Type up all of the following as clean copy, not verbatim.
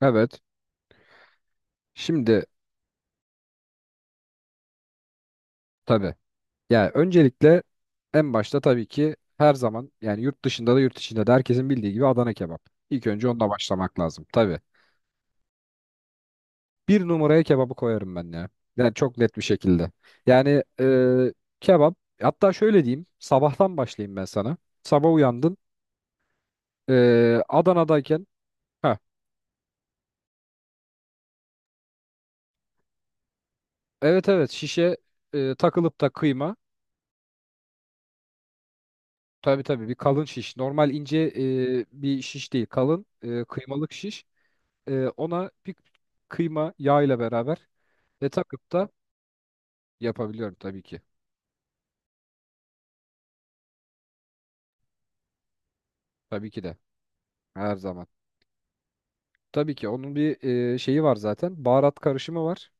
Evet. Şimdi tabii. Yani öncelikle en başta tabii ki her zaman yani yurt dışında da yurt içinde de herkesin bildiği gibi Adana kebap. İlk önce onunla başlamak lazım tabii. Bir numaraya kebabı koyarım ben ya. Yani çok net bir şekilde. Yani kebap hatta şöyle diyeyim sabahtan başlayayım ben sana. Sabah uyandın Adana'dayken ha, evet, evet, şişe takılıp da kıyma. Tabii, tabii, bir kalın şiş. Normal ince bir şiş değil, kalın kıymalık şiş. Ona bir kıyma yağ ile beraber ve takıp da yapabiliyorum tabii ki. Tabii ki de her zaman. Tabii ki onun bir şeyi var zaten. Baharat karışımı var.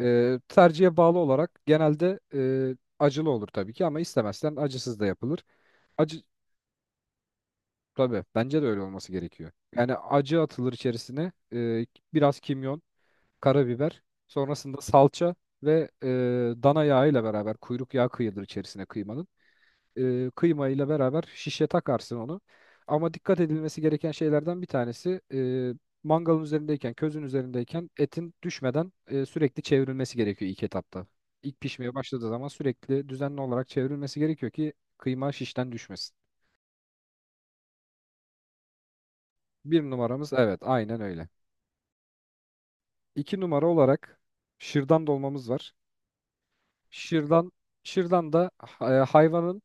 Tercihe bağlı olarak genelde acılı olur tabii ki ama istemezsen acısız da yapılır. Acı tabii, bence de öyle olması gerekiyor. Yani acı atılır içerisine, biraz kimyon, karabiber, sonrasında salça ve dana yağı ile beraber kuyruk yağı kıyılır içerisine kıymanın. Kıymayla beraber şişe takarsın onu. Ama dikkat edilmesi gereken şeylerden bir tanesi, mangalın üzerindeyken, közün üzerindeyken etin düşmeden sürekli çevrilmesi gerekiyor ilk etapta. İlk pişmeye başladığı zaman sürekli düzenli olarak çevrilmesi gerekiyor ki kıyma şişten düşmesin. Bir numaramız, evet, aynen öyle. İki numara olarak şırdan dolmamız var. Şırdan, şırdan da hayvanın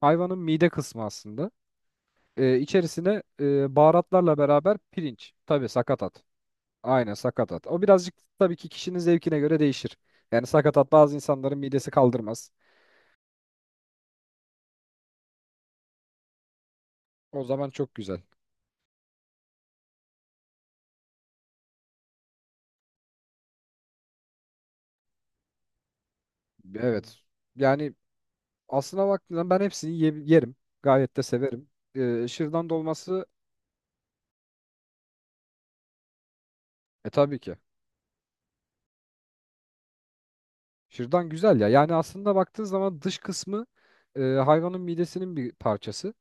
hayvanın mide kısmı aslında. İçerisine baharatlarla beraber pirinç, tabii sakatat. Aynen sakatat. O birazcık tabii ki kişinin zevkine göre değişir. Yani sakatat bazı insanların midesi kaldırmaz. O zaman çok güzel. Evet. Yani aslına baktığında ben hepsini yerim. Gayet de severim. Şırdan dolması tabii ki. Şırdan güzel ya. Yani aslında baktığın zaman dış kısmı hayvanın midesinin bir parçası.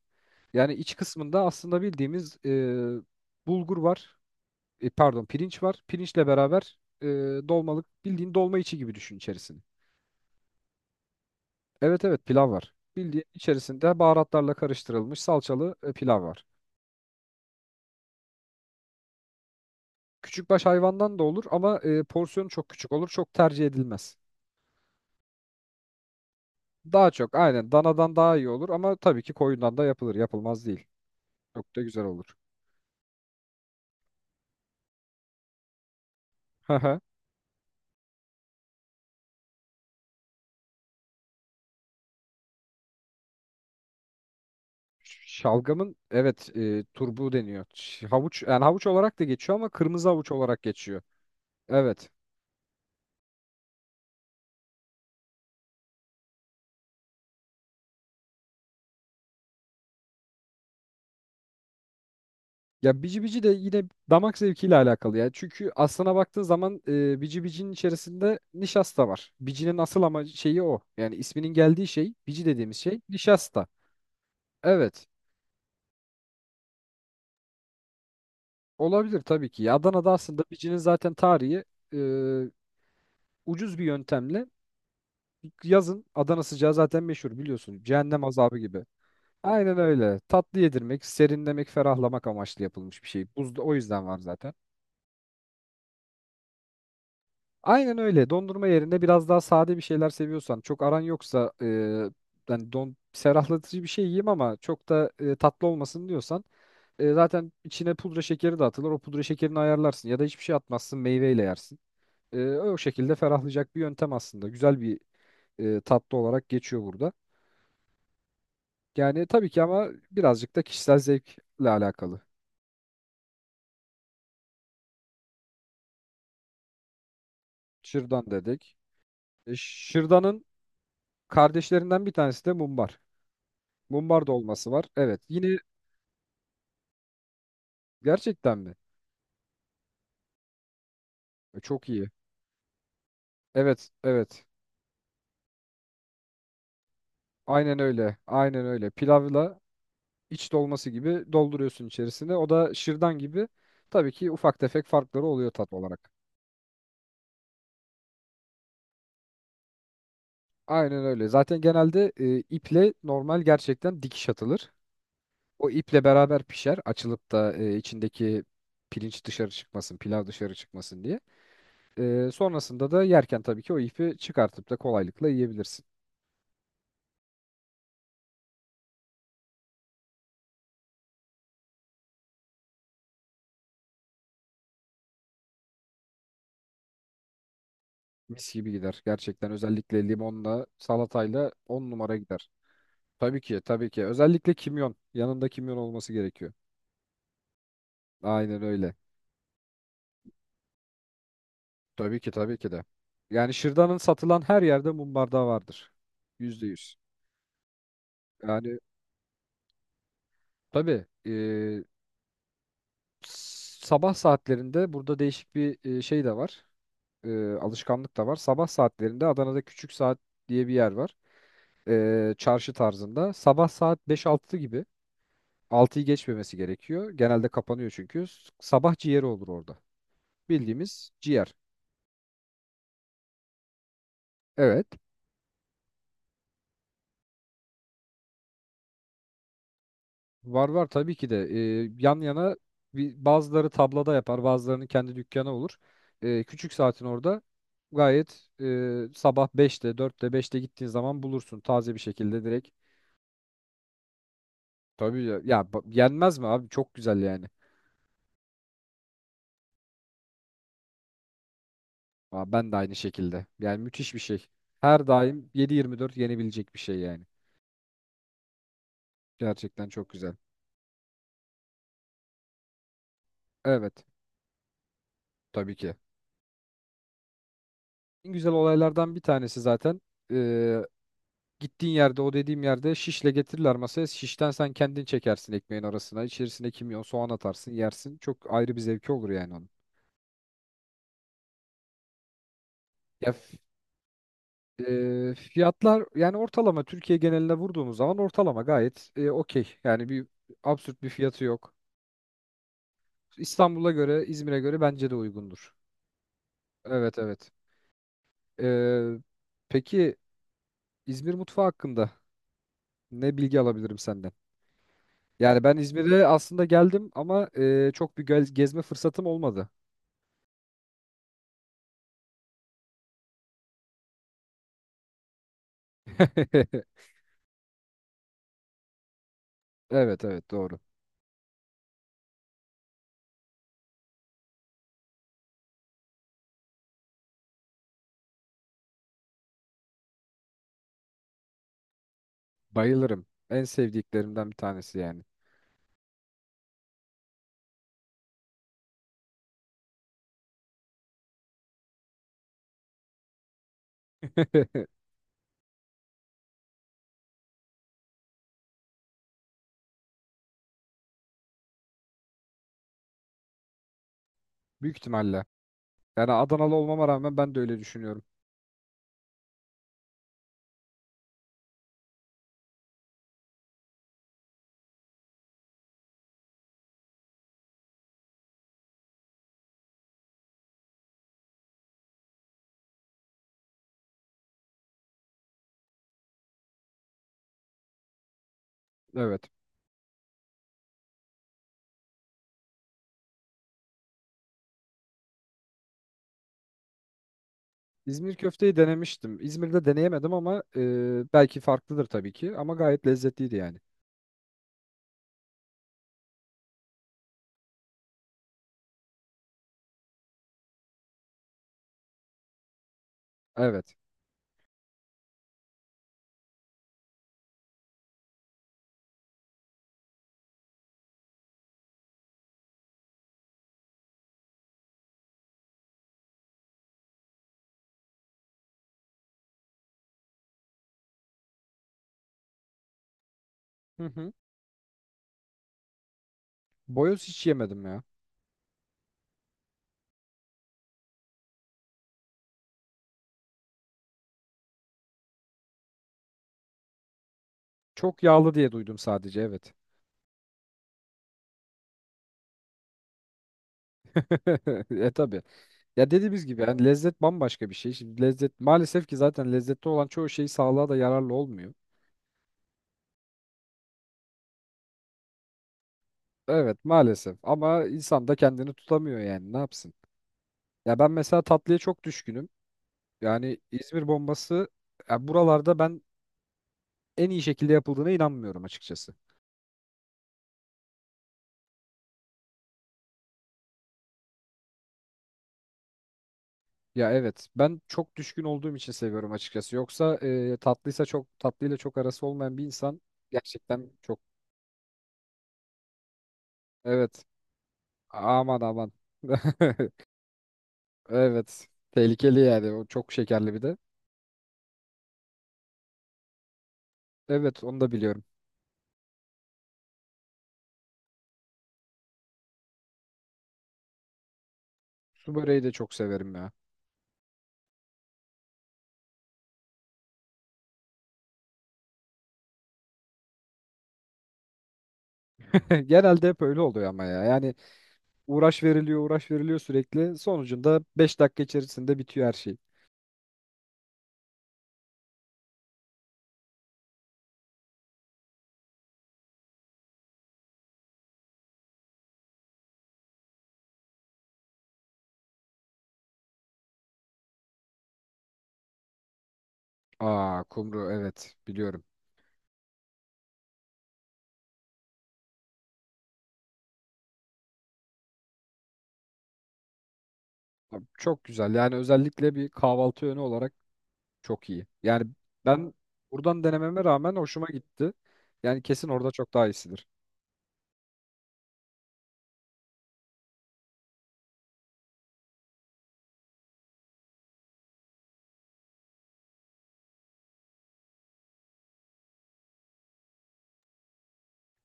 Yani iç kısmında aslında bildiğimiz bulgur var. Pardon, pirinç var. Pirinçle beraber dolmalık bildiğin dolma içi gibi düşün içerisini. Evet, evet, pilav var. Bildiğin içerisinde baharatlarla karıştırılmış salçalı pilav var. Küçükbaş hayvandan da olur ama porsiyonu çok küçük olur. Çok tercih edilmez. Daha çok aynen danadan daha iyi olur ama tabii ki koyundan da yapılır. Yapılmaz değil. Çok da güzel olur. Hı hı. Şalgamın, evet, turbu deniyor. Havuç, yani havuç olarak da geçiyor ama kırmızı havuç olarak geçiyor. Evet. Ya bici bici de yine damak zevkiyle alakalı ya. Çünkü aslına baktığın zaman bici bicinin içerisinde nişasta var. Bicinin asıl ama şeyi o. Yani isminin geldiği şey bici dediğimiz şey nişasta. Evet. Olabilir tabii ki. Ya Adana'da aslında bicinin zaten tarihi e, ucuz bir yöntemle, yazın Adana sıcağı zaten meşhur biliyorsun. Cehennem azabı gibi. Aynen öyle. Tatlı yedirmek, serinlemek, ferahlamak amaçlı yapılmış bir şey. Buzda o yüzden var zaten. Aynen öyle. Dondurma yerine biraz daha sade bir şeyler seviyorsan, çok aran yoksa yani ferahlatıcı bir şey yiyeyim ama çok da tatlı olmasın diyorsan zaten içine pudra şekeri de atılır. O pudra şekerini ayarlarsın ya da hiçbir şey atmazsın, meyveyle yersin. O şekilde ferahlayacak bir yöntem aslında. Güzel bir tatlı olarak geçiyor burada. Yani tabii ki ama birazcık da kişisel zevkle alakalı. Şırdan dedik. Şırdanın kardeşlerinden bir tanesi de mumbar. Mumbar dolması var. Evet. Yine. Gerçekten mi? Çok iyi. Evet, evet. Aynen öyle. Aynen öyle. Pilavla iç dolması gibi dolduruyorsun içerisine. O da şırdan gibi. Tabii ki ufak tefek farkları oluyor tat olarak. Aynen öyle. Zaten genelde iple normal gerçekten dikiş atılır. O iple beraber pişer. Açılıp da içindeki pirinç dışarı çıkmasın, pilav dışarı çıkmasın diye. Sonrasında da yerken tabii ki o ipi çıkartıp da kolaylıkla yiyebilirsin. Mis gibi gider. Gerçekten özellikle limonla, salatayla 10 numara gider. Tabii ki, tabii ki. Özellikle kimyon. Yanında kimyon olması gerekiyor. Aynen öyle. Tabii ki, tabii ki de. Yani şırdanın satılan her yerde mum bardağı vardır. %100. Yani tabii sabah saatlerinde burada değişik bir şey de var. Alışkanlık da var. Sabah saatlerinde Adana'da Küçük Saat diye bir yer var. Çarşı tarzında. Sabah saat 5-6 gibi. 6'yı geçmemesi gerekiyor. Genelde kapanıyor çünkü. Sabah ciğeri olur orada. Bildiğimiz ciğer. Evet. Var, var tabii ki de. Yan yana, bazıları tablada yapar, bazılarının kendi dükkanı olur. Küçük saatin orada gayet sabah beşte dörtte beşte gittiğin zaman bulursun taze bir şekilde direkt. Tabii ya, yenmez mi abi, çok güzel yani. Aa, ben de aynı şekilde, yani müthiş bir şey. Her daim 7/24 yenebilecek bir şey yani. Gerçekten çok güzel. Evet, tabii ki. En güzel olaylardan bir tanesi zaten e, gittiğin yerde, o dediğim yerde şişle getirirler masaya. Şişten sen kendin çekersin ekmeğin arasına. İçerisine kimyon, soğan atarsın, yersin. Çok ayrı bir zevki olur yani onun. Ya fiyatlar yani ortalama Türkiye geneline vurduğumuz zaman ortalama gayet okey. Yani bir absürt bir fiyatı yok. İstanbul'a göre, İzmir'e göre bence de uygundur. Evet, evet. E, peki İzmir mutfağı hakkında ne bilgi alabilirim senden? Yani ben İzmir'e aslında geldim ama çok bir gezme fırsatım olmadı. Evet, evet, doğru. Bayılırım. En sevdiklerimden bir tanesi yani. Büyük ihtimalle. Yani Adanalı olmama rağmen ben de öyle düşünüyorum. Evet. İzmir köfteyi denemiştim. İzmir'de deneyemedim ama belki farklıdır tabii ki. Ama gayet lezzetliydi yani. Evet. Hı hı. Boyoz hiç yemedim ya. Çok yağlı diye duydum sadece. Evet. E, tabii. Ya dediğimiz gibi yani lezzet bambaşka bir şey. Şimdi lezzet maalesef ki zaten lezzetli olan çoğu şey sağlığa da yararlı olmuyor. Evet maalesef ama insan da kendini tutamıyor yani, ne yapsın. Ya ben mesela tatlıya çok düşkünüm. Yani İzmir bombası ya, buralarda ben en iyi şekilde yapıldığına inanmıyorum açıkçası. Ya evet, ben çok düşkün olduğum için seviyorum açıkçası. Yoksa tatlıysa, çok tatlıyla çok arası olmayan bir insan gerçekten çok, evet, aman aman. Evet, tehlikeli yani o, çok şekerli bir de. Evet, onu da biliyorum. Su böreği de çok severim ya. Genelde hep öyle oluyor ama ya. Yani uğraş veriliyor, uğraş veriliyor sürekli. Sonucunda 5 dakika içerisinde bitiyor her şey. Aa, kumru, evet, biliyorum. Abi, çok güzel. Yani özellikle bir kahvaltı yönü olarak çok iyi. Yani ben buradan denememe rağmen hoşuma gitti. Yani kesin orada çok daha iyisidir.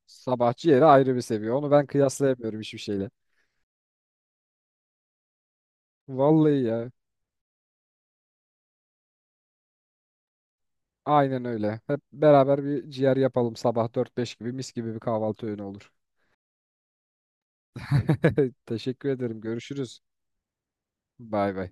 Sabahçı yeri ayrı bir seviye. Onu ben kıyaslayamıyorum hiçbir şeyle. Vallahi ya. Aynen öyle. Hep beraber bir ciğer yapalım sabah 4-5 gibi, mis gibi bir kahvaltı öğünü olur. Teşekkür ederim. Görüşürüz. Bay bay.